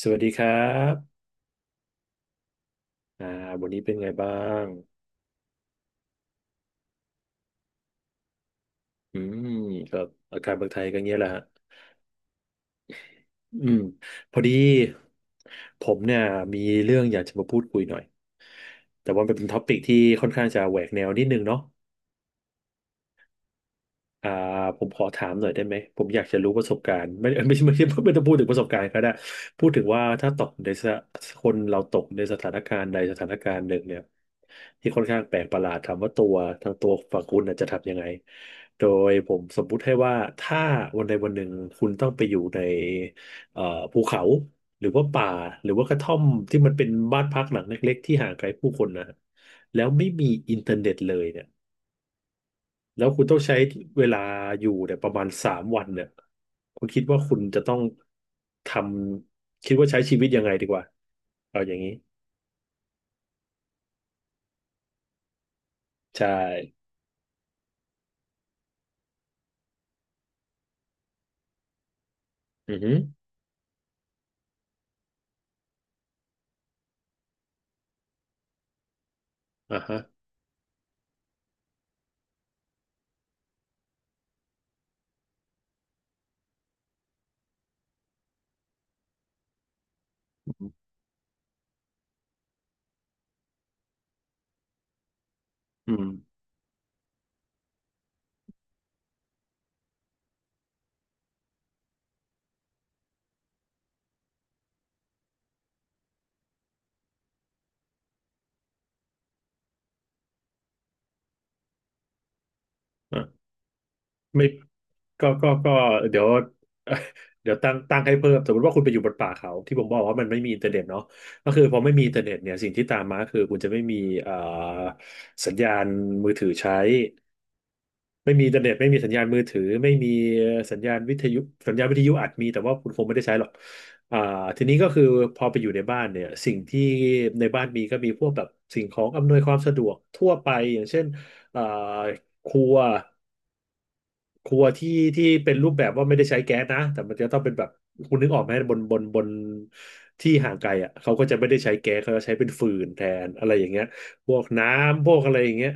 สวัสดีครับอ่าวันนี้เป็นไงบ้างอืมก็อาการเมืองไทยก็เงี้ยแหละฮะอืมพอดีผมเนี่ยมีเรื่องอยากจะมาพูดคุยหน่อย แต่ว่ามันเป็นท็อปิกที่ค่อนข้างจะแหวกแนวนิดนึงเนาะ อ่าผมขอถามหน่อยได้ไหมผมอยากจะรู้ประสบการณ์ไม่ ไม่ต้องพูดถึงประสบการณ์ก็ได้พูดถึงว่าถ้าตกในสคนเราตกในสถานการณ์ใดสถานการณ์หนึ่งเนี่ยที่ค่อนข้างแปลกประหลาดถามว่าตัวทางตัวฝั่งคุณน่ะจะทำยังไงโดยผมสมมุติให้ว่าถ้าวันใดวันหนึ่งคุณต้องไปอยู่ในเอ่อภูเขาหรือว่าป่าหรือว่ากระท่อมที่มันเป็นบ้านพักหลังเล็กๆที่ห่างไกลผู้คนนะแล้วไม่มีอินเทอร์เน็ตเลยเนี่ย แล้วคุณต้องใช้เวลาอยู่เนี่ยประมาณสามวันเนี่ยคุณคิดว่าคุณจะต้องทคิดว่าใช้ชีวิตยังไงดีกว่าเอาอย่างนี้ใช่อือฮึอ่าฮะอืมอ่ะไม่ก็เดี๋ยว เดี๋ยวตั้งให้เพิ่มสมมติว่าคุณไปอยู่บนป่าเขาที่ผมบอกว่ามันไม่มีอินเทอร์เน็ตเนาะก็คือพอไม่มีอินเทอร์เน็ตเนี่ยสิ่งที่ตามมาคือคุณจะไม่มีเอ่อสัญญาณมือถือใช้ ไม่มีอินเทอร์เน็ตไม่มีสัญญาณมือถือไม่มีสัญญาณวิทยุสัญญาณวิทยุอาจมีแต่ว่าคุณคงไม่ได้ใช้หรอกอ่าทีนี้ก็คือพอไปอยู่ในบ้านเนี่ยสิ่งที่ในบ้านมีก็มีพวกแบบสิ่งของอำนวยความสะดวกทั่วไปอย่างเช่นอ่าครัวครัวที่ที่เป็นรูปแบบว่าไม่ได้ใช้แก๊สนะแต่มันจะต้องเป็นแบบคุณนึกออกไหมบนที่ห่างไกลอ่ะเขาก็จะไม่ได้ใช้แก๊สเขาจะใช้เป็นฟืนแทนอะไรอย่างเงี้ยพวกน้ำพวกอะไรอย่างเงี้ย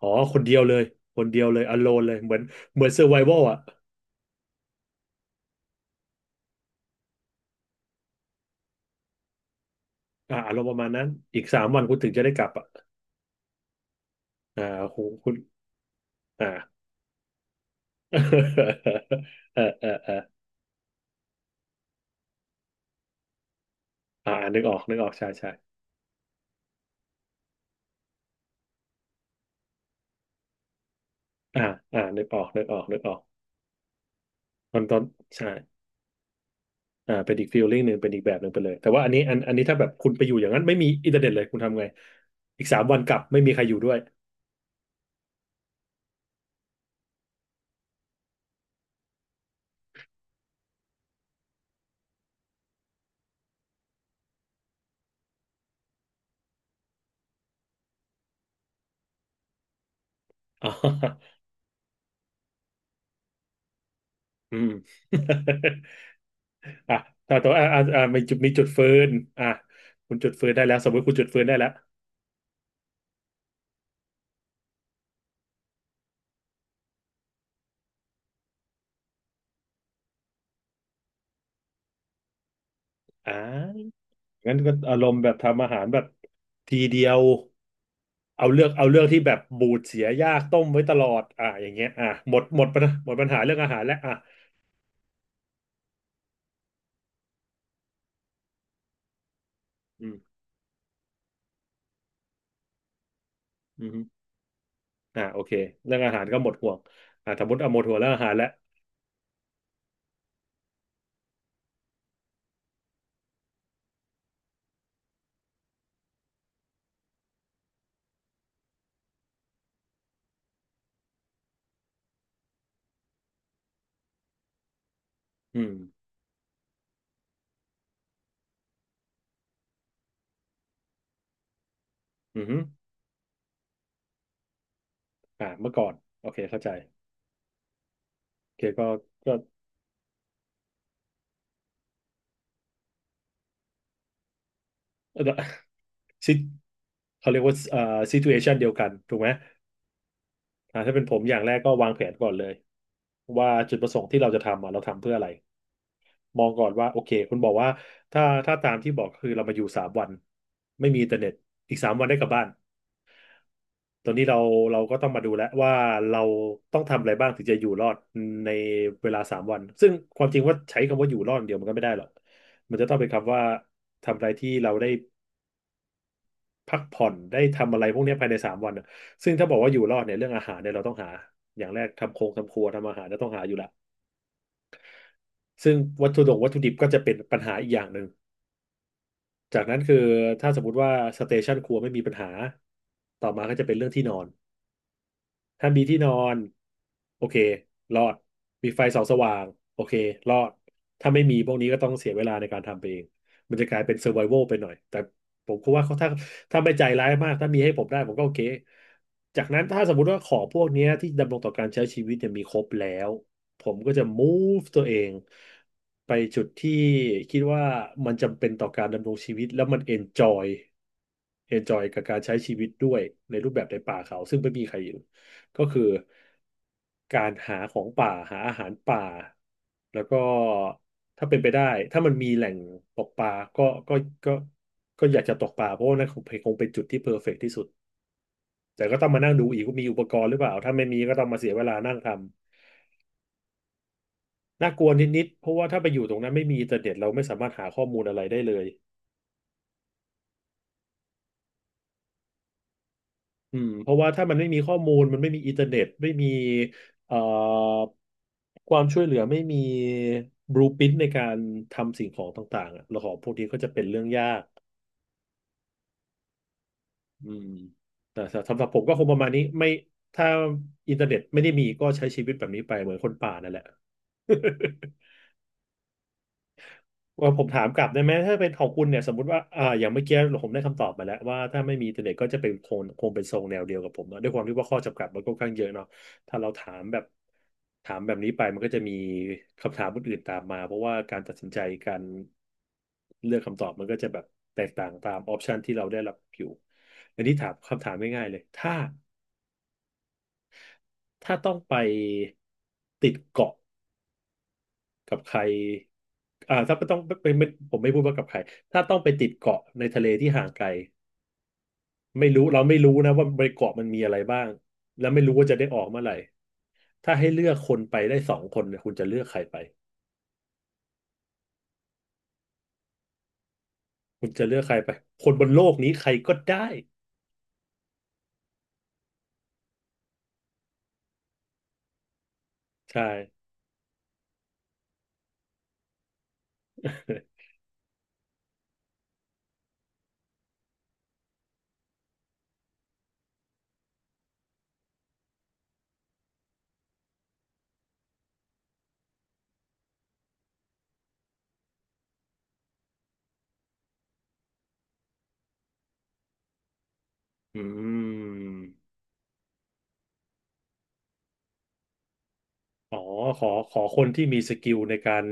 อ๋อคนเดียวเลย คนเดียวเลย alone เลยเหมือนเหมือน survival อ่ะอ่าอารมณ์ประมาณนั้นอีกสามวันคุณถึงจะได้กลับอ่ะอ่าโหคุณอ่า เออนึกออกใช่อ่านึกออกตอนใช่อ่าเป็นอีกฟีลลิ่งหนึ่งเป็นอีกแบบหนึ่งไปเลยแต่ว่าอันนี้อันนี้ถ้าแบบคุณไปอยู่อย่างนั้นไม่มีอินเทอร์เน็ตเลยคุณทำไงอีกสามวันกลับไม่มีใครอยู่ด้วยอ๋อ อืม อ่ะถ้าตัวอ่ะมีจุดฟืนอ่ะคุณจุดฟืนได้แล้วสมมติคุณจุดฟืนได้แล้วอ่างั้นก็อารมณ์แบบทำอาหารแบบทีเดียวเอาเลือกเอาเรื่องที่แบบบูดเสียยากต้มไว้ตลอดอ่ะอย่างเงี้ยอ่ะหมดปัญหาหมดปัญหาเรื่องอาหารแล้วอ่ะอืมอืมฮึอ่ะโอเคเรื่องอาหารก็หมดห่วงอ่ะสมมติเอาหมดห่วงเรื่องอาหารแล้วอืมอืมฮึอ่ะเมื่อก่อนโอเคเข้าใจโอเคก็ก็ซิเขาเรียกว่าซิทูเชันเดียวกันถูกไหม ถ้าเป็นผมอย่างแรกก็วางแผนก่อนเลยว่าจุดประสงค์ที่เราจะทำอ่ะเราทำเพื่ออะไรมองก่อนว่าโอเคคุณบอกว่าถ้าตามที่บอกคือเรามาอยู่สามวันไม่มีอินเทอร์เน็ตอีกสามวันได้กลับบ้านตอนนี้เราก็ต้องมาดูแล้วว่าเราต้องทำอะไรบ้างถึงจะอยู่รอดในเวลาสามวันซึ่งความจริงว่าใช้คำว่าอยู่รอดเดียวมันก็ไม่ได้หรอกมันจะต้องเป็นคำว่าทำอะไรที่เราได้พักผ่อนได้ทำอะไรพวกเนี้ยภายในสามวันอะซึ่งถ้าบอกว่าอยู่รอดเนี่ยเรื่องอาหารเนี่ยเราต้องหาอย่างแรกทำโครงทำครัวทำอาหารจะต้องหาอยู่ละ ซึ่งวัตถุดิบก็จะเป็นปัญหาอีกอย่างหนึ่ง จากนั้นคือถ้าสมมติว่าสเตชันครัวไม่มีปัญหาต่อมาก็จะเป็นเรื่องที่นอน ถ้ามีที่นอนโอเครอดมีไฟส่องสว่างโอเครอดถ้าไม่มีพวกนี้ก็ต้องเสียเวลาในการทำไปเองมันจะกลายเป็นเซอร์ไว a l ไปหน่อยแต่ผมคิดว่าเขาถ้าถ้าไม่ใจร้ายมากถ้ามีให้ผมได้ผมก็โอเคจากนั้นถ้าสมมุติว่าของพวกเนี้ยที่ดำรงต่อการใช้ชีวิตเนี่ยมีครบแล้วผมก็จะ move ตัวเองไปจุดที่คิดว่ามันจำเป็นต่อการดำรงชีวิตแล้วมัน enjoy enjoy กับการใช้ชีวิตด้วยในรูปแบบในป่าเขาซึ่งไม่มีใครอยู่ ก็คือการหาของป่าหาอาหารป่าแล้วก็ถ้าเป็นไปได้ถ้ามันมีแหล่งตกปลาก็ก็ก็ก็อยากจะตกปลาเพราะว่านั่นคงเป็นจุดที่เพอร์เฟกต์ที่สุดแต่ก็ต้องมานั่งดูอีกว่ามีอุปกรณ์หรือเปล่าถ้าไม่มีก็ต้องมาเสียเวลานั่งทำน่ากลัวนิดๆเพราะว่าถ้าไปอยู่ตรงนั้นไม่มีอินเทอร์เน็ตเราไม่สามารถหาข้อมูลอะไรได้เลย อืมเพราะว่าถ้ามันไม่มีข้อมูลมันไม่มีอินเทอร์เน็ตไม่มีเอ่อความช่วยเหลือไม่มีบลูพิ i น t ในการทำสิ่งของต่างๆอะแล้วของพวกนี้ก็จะเป็นเรื่องยากอืมแต่สำหรับผมก็คงประมาณนี้ไม่ถ้าอินเทอร์เน็ตไม่ได้มีก็ใช้ชีวิตแบบนี้ไปเหมือนคนป่านั่นแหละ ว่าผมถามกลับได้ไหมถ้าเป็นของคุณเนี่ยสมมติว่าอย่างเมื่อกี้ผมได้คำตอบมาแล้วว่าถ้าไม่มีอินเทอร์เน็ตก็จะเป็นคงเป็นทรงแนวเดียวกับผมเนาะด้วยความที่ว่าข้อจำกัดมันก็ค่อนข้างเยอะเนาะถ้าเราถามแบบถามแบบนี้ไปมันก็จะมีคำถามอื่นๆตามมาเพราะว่าการตัดสินใจการเลือกคำตอบมันก็จะแบบแตกต่างตามออปชันที่เราได้รับอยู่อันนี้ถามคำถามง่ายๆเลยถ้าต้องไปติดเกาะ กับใครอ่าถ้าไม่ต้องไม่ไม่ผมไม่พูดว่ากับใครถ้าต้องไปติดเกาะในทะเลที่ห่างไกลไม่รู้เราไม่รู้นะว่าบนเกาะมันมีอะไรบ้างแล้วไม่รู้ว่าจะได้ออกเมื่อไหร่ถ้าให้เลือกคนไปได้สองคนเนี่ยคุณจะเลือกใครไปคุณจะเลือกใครไปคนบนโลกนี้ใครก็ได้ใช่ อืมอ๋อขอคนที่มีสกิลในการ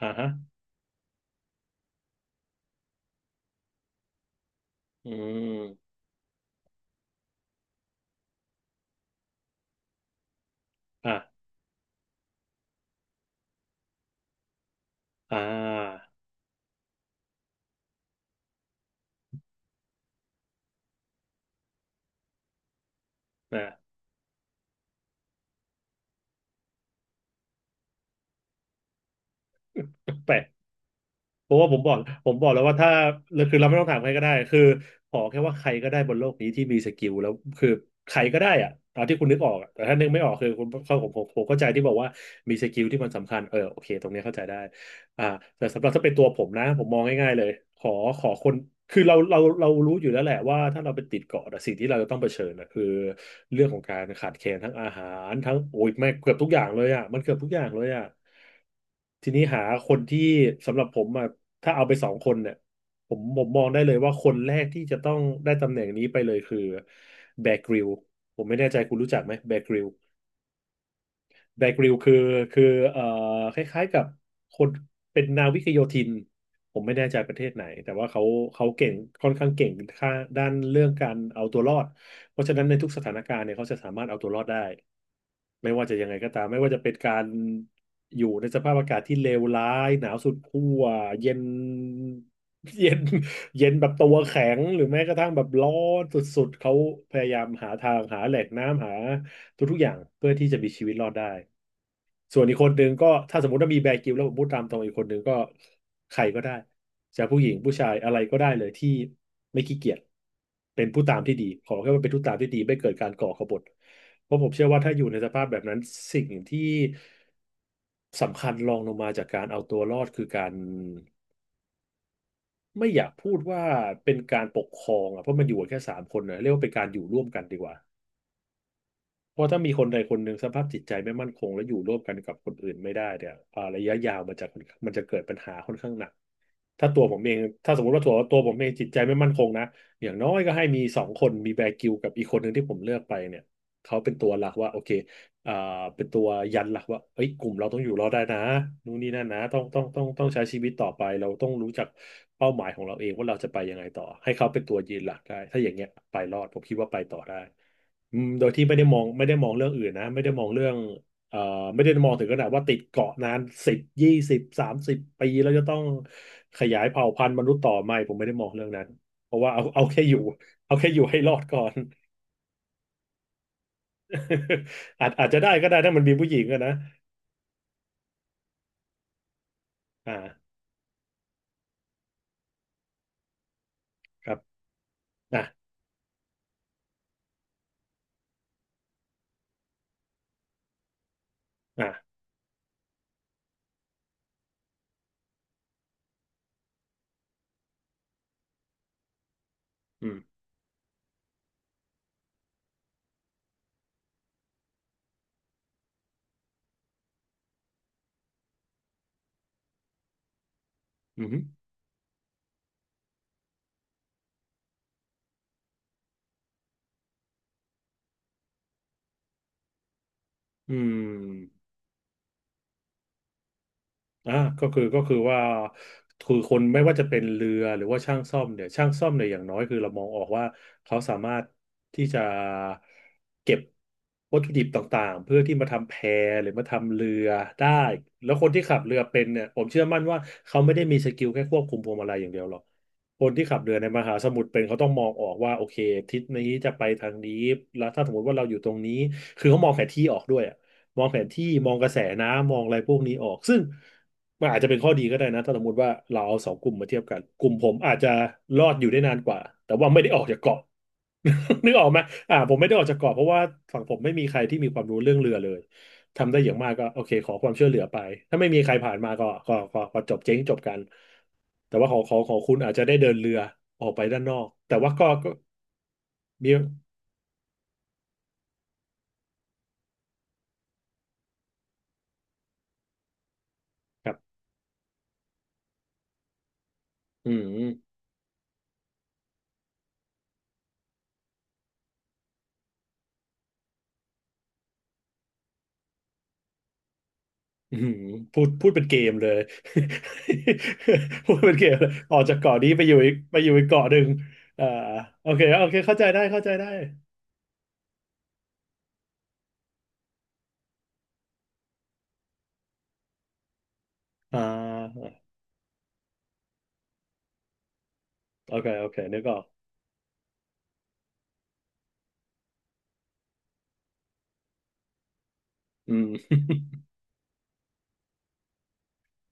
อ่าฮะอืมอ่าอ่านะ แปลก เพราะว่าผมบอกผมบอกแล้วว่าถ้าคือเราไม่ต้องถามใครก็ได้คือขอแค่ว่าใครก็ได้บนโลกนี้ที่มีสกิลแล้วคือใครก็ได้อะตามที่คุณนึกออกอะแต่ถ้านึกไม่ออกคือคุณเข้าผมผมเข้าใจที่บอกว่ามีสกิลที่มันสำคัญเออโอเคตรงนี้เข้าใจได้ อ่าแต่สำหรับถ้าเป็นตัวผมนะผมมองง่ายๆเลยขอขอคนคือเรารู้อยู่แล้วแหละว่าถ้าเราไปติดเกาะอะสิ่งที่เราจะต้องเผชิญนะคือเรื่องของการขาดแคลนทั้งอาหารทั้งโอ้ยแม่งเกือบทุกอย่างเลยอ่ะมันเกือบทุกอย่างเลยอ่ะทีนี้หาคนที่สำหรับผมอ่ะถ้าเอาไปสองคนเนี่ยผมมองได้เลยว่าคนแรกที่จะต้องได้ตำแหน่งนี้ไปเลยคือแบร์กริลผมไม่แน่ใจคุณรู้จักไหมแบร์กริล แบกริลคือคือเอ่อคล้ายๆกับคนเป็นนาวิกโยธินผมไม่แน่ใจประเทศไหนแต่ว่าเขาเขาเก่งค่อนข้างเก่งค่าด้านเรื่องการเอาตัวรอดเพราะฉะนั้นในทุกสถานการณ์เนี่ยเขาจะสามารถเอาตัวรอดได้ไม่ว่าจะยังไงก็ตามไม่ว่าจะเป็นการอยู่ในสภาพอากาศที่เลวร้ายหนาวสุดขั้วเย็น เย็นเย็นแบบตัวแข็งหรือแม้กระทั่งแบบร้อนสุดๆเขาพยายามหาทางหาแหล่งน้ำหา ทุกๆอย่างเพื่อที่จะมีชีวิตรอดได้ ส่วนอีกคนหนึ่งก็ถ้าสมมติว่ามีแบร์กริลส์แล้วผมพูดตามตรงอีกคนหนึ่งก็ใครก็ได้จะผู้หญิงผู้ชายอะไรก็ได้เลยที่ไม่ขี้เกียจเป็นผู้ตามที่ดีขอแค่ว่าเป็นผู้ตามที่ดีไม่เกิดการก่อขบฏเพราะผมเชื่อว่าถ้าอยู่ในสภาพแบบนั้นสิ่งที่สำคัญรองลงมาจากการเอาตัวรอดคือการไม่อยากพูดว่าเป็นการปกครองอ่ะเพราะมันอยู่กันแค่3 คนนะเรียกว่าเป็นการอยู่ร่วมกันดีกว่า เพราะถ้ามีคนใดคนหนึ่งสภาพจิตใจไม่มั่นคงและอยู่ร่วมกันกับคนอื่นไม่ได้เนี่ยอ่าระยะยาวมันจะมันจะเกิดปัญหาค่อนข้างหนัก ถ้าตัวผมเองถ้าสมมติว่าตัวตัวผมเองจิตใจไม่มั่นคงนะอย่างน้อยก็ให้มีสองคนมีแบร์กิลกับอีกคนหนึ่งที่ผมเลือกไปเนี่ยเขาเป็นตัวหลักว่าโอเคอ่าเป็นตัวยันหลักว่าเอ้ยกลุ่มเราต้องอยู่รอดได้นะนู่นนี่นั่นนะต้องใช้ชีวิตต่อไปเราต้องรู้จักเป้าหมายของเราเองว่าเราจะไปยังไงต่อให้เขาเป็นตัวยืนหลักได้ถ้าอย่างเงี้ยไปรอดผมคิดว่าไปต่อได้อืมโดยที่ไม่ได้มองเรื่องอื่นนะไม่ได้มองเรื่อง เอ่อไม่ได้มองถึงขนาดว่าติดเกาะนานสิบยี่สิบสามสิบปีแล้วจะต้องขยายเผ่าพันธุ์มนุษย์ต่อไม่ผมไม่ได้มองเรื่องนั้นเพราะว่าเอาแค่อยู่เอาแค่อยู่ให้รอดก่อน อาจจะได้ก็ได้ถ้ามันมีผู้หญิงอะนะอ่าครับอ่ะอ่ะอืมอืมอืม อ่าก็คือว่าคือคนไม่ว่าจะเป็นเรือหรือว่าช่างซ่อมเนี่ยช่างซ่อมเนี่ยอย่างน้อยคือเรามองออกว่าเขาสามารถที่จะเก็บวัตถุดิบต่างๆเพื่อที่มาทำแพหรือมาทำเรือได้แล้วคนที่ขับเรือเป็นเนี่ยผมเชื่อมั่นว่าเขาไม่ได้มีสกิลแค่ควบคุมพวงมาลัยอย่างเดียวหรอกคนที่ขับเรือในมหาสมุทรเป็นเขาต้องมองออกว่าโอเคทิศนี้จะไปทางนี้แล้วถ้าสมมติว่าเราอยู่ตรงนี้คือเขามองแผนที่ออกด้วยอะ มองแผนที่มองกระแสน้ำมองอะไรพวกนี้ออกซึ่งมันอาจจะเป็นข้อดีก็ได้นะถ้าสมมติว่าเราเอาสองกลุ่มมาเทียบกันกลุ่มผมอาจจะรอดอยู่ได้นานกว่าแต่ว่าไม่ได้ออกจากเกาะ นึกออกไหมอ่าผมไม่ได้ออกจากเกาะเพราะว่าฝั่งผมไม่มีใครที่มีความรู้เรื่องเรือเลยทำได้อย่างมากก็โอเคขอความช่วยเหลือไปถ้าไม่มีใครผ่านมาก็จบเจ๊งจบกันแต่ว่าของคุณอาจจะได้เดินเรือออกไปด้านนอกแต่ว่าก็มีครับอืม อืมพูดเป็นเกมเลย พูดเป็นเกมเลยออกจากเกาะนี้ไปอยู่อีกเกาะหนึ่งอ่าโอเคเข้าใจได้อ่าโอเคนึกออกอืม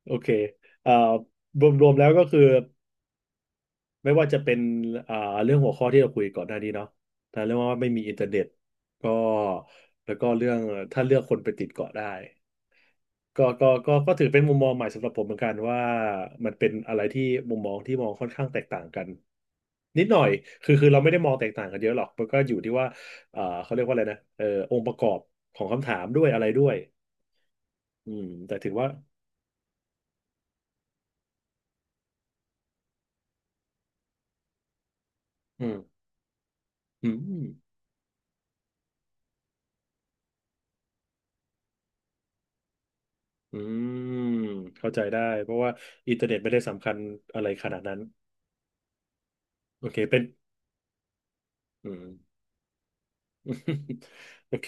โอเคเอ่ารวมแล้วก็คือไม่ว่าจะเป็นอ่าเรื่องหัวข้อที่เราคุยก่อนหน้านี้เนาะแต่เรื่องว่าไม่มีอินเทอร์เน็ตก็แล้วก็เรื่องถ้าเลือกคนไปติดเกาะได้ ก็ถือเป็นมุมมองใหม่สำหรับผมเหมือนกันว่ามันเป็นอะไรที่มุมมองที่มองค่อนข้างแตกต่างกันนิดหน่อยคือเราไม่ได้มองแตกต่างกันเยอะหรอกมันก็อยู่ที่ว่าเขาเรียกว่าอะไรนะองค์ประกอบของคำถามด้วยอะไรด้วยอืมแต่ถือว่าอืมอืมอืมเข้าใจได้เพราะว่าอินเทอร์เน็ตไม่ได้สำคัญอะไรขนาดนั้นโอเคเป็นอืม โอเค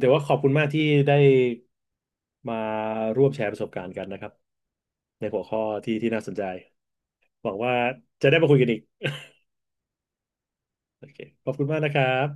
แต่ว่าขอบคุณมากที่ได้มาร่วมแชร์ประสบการณ์กันนะครับในหัวข้อที่น่าสนใจหวังว่าจะได้มาคุยกันอีกโอเคขอบคุณมากนะครับ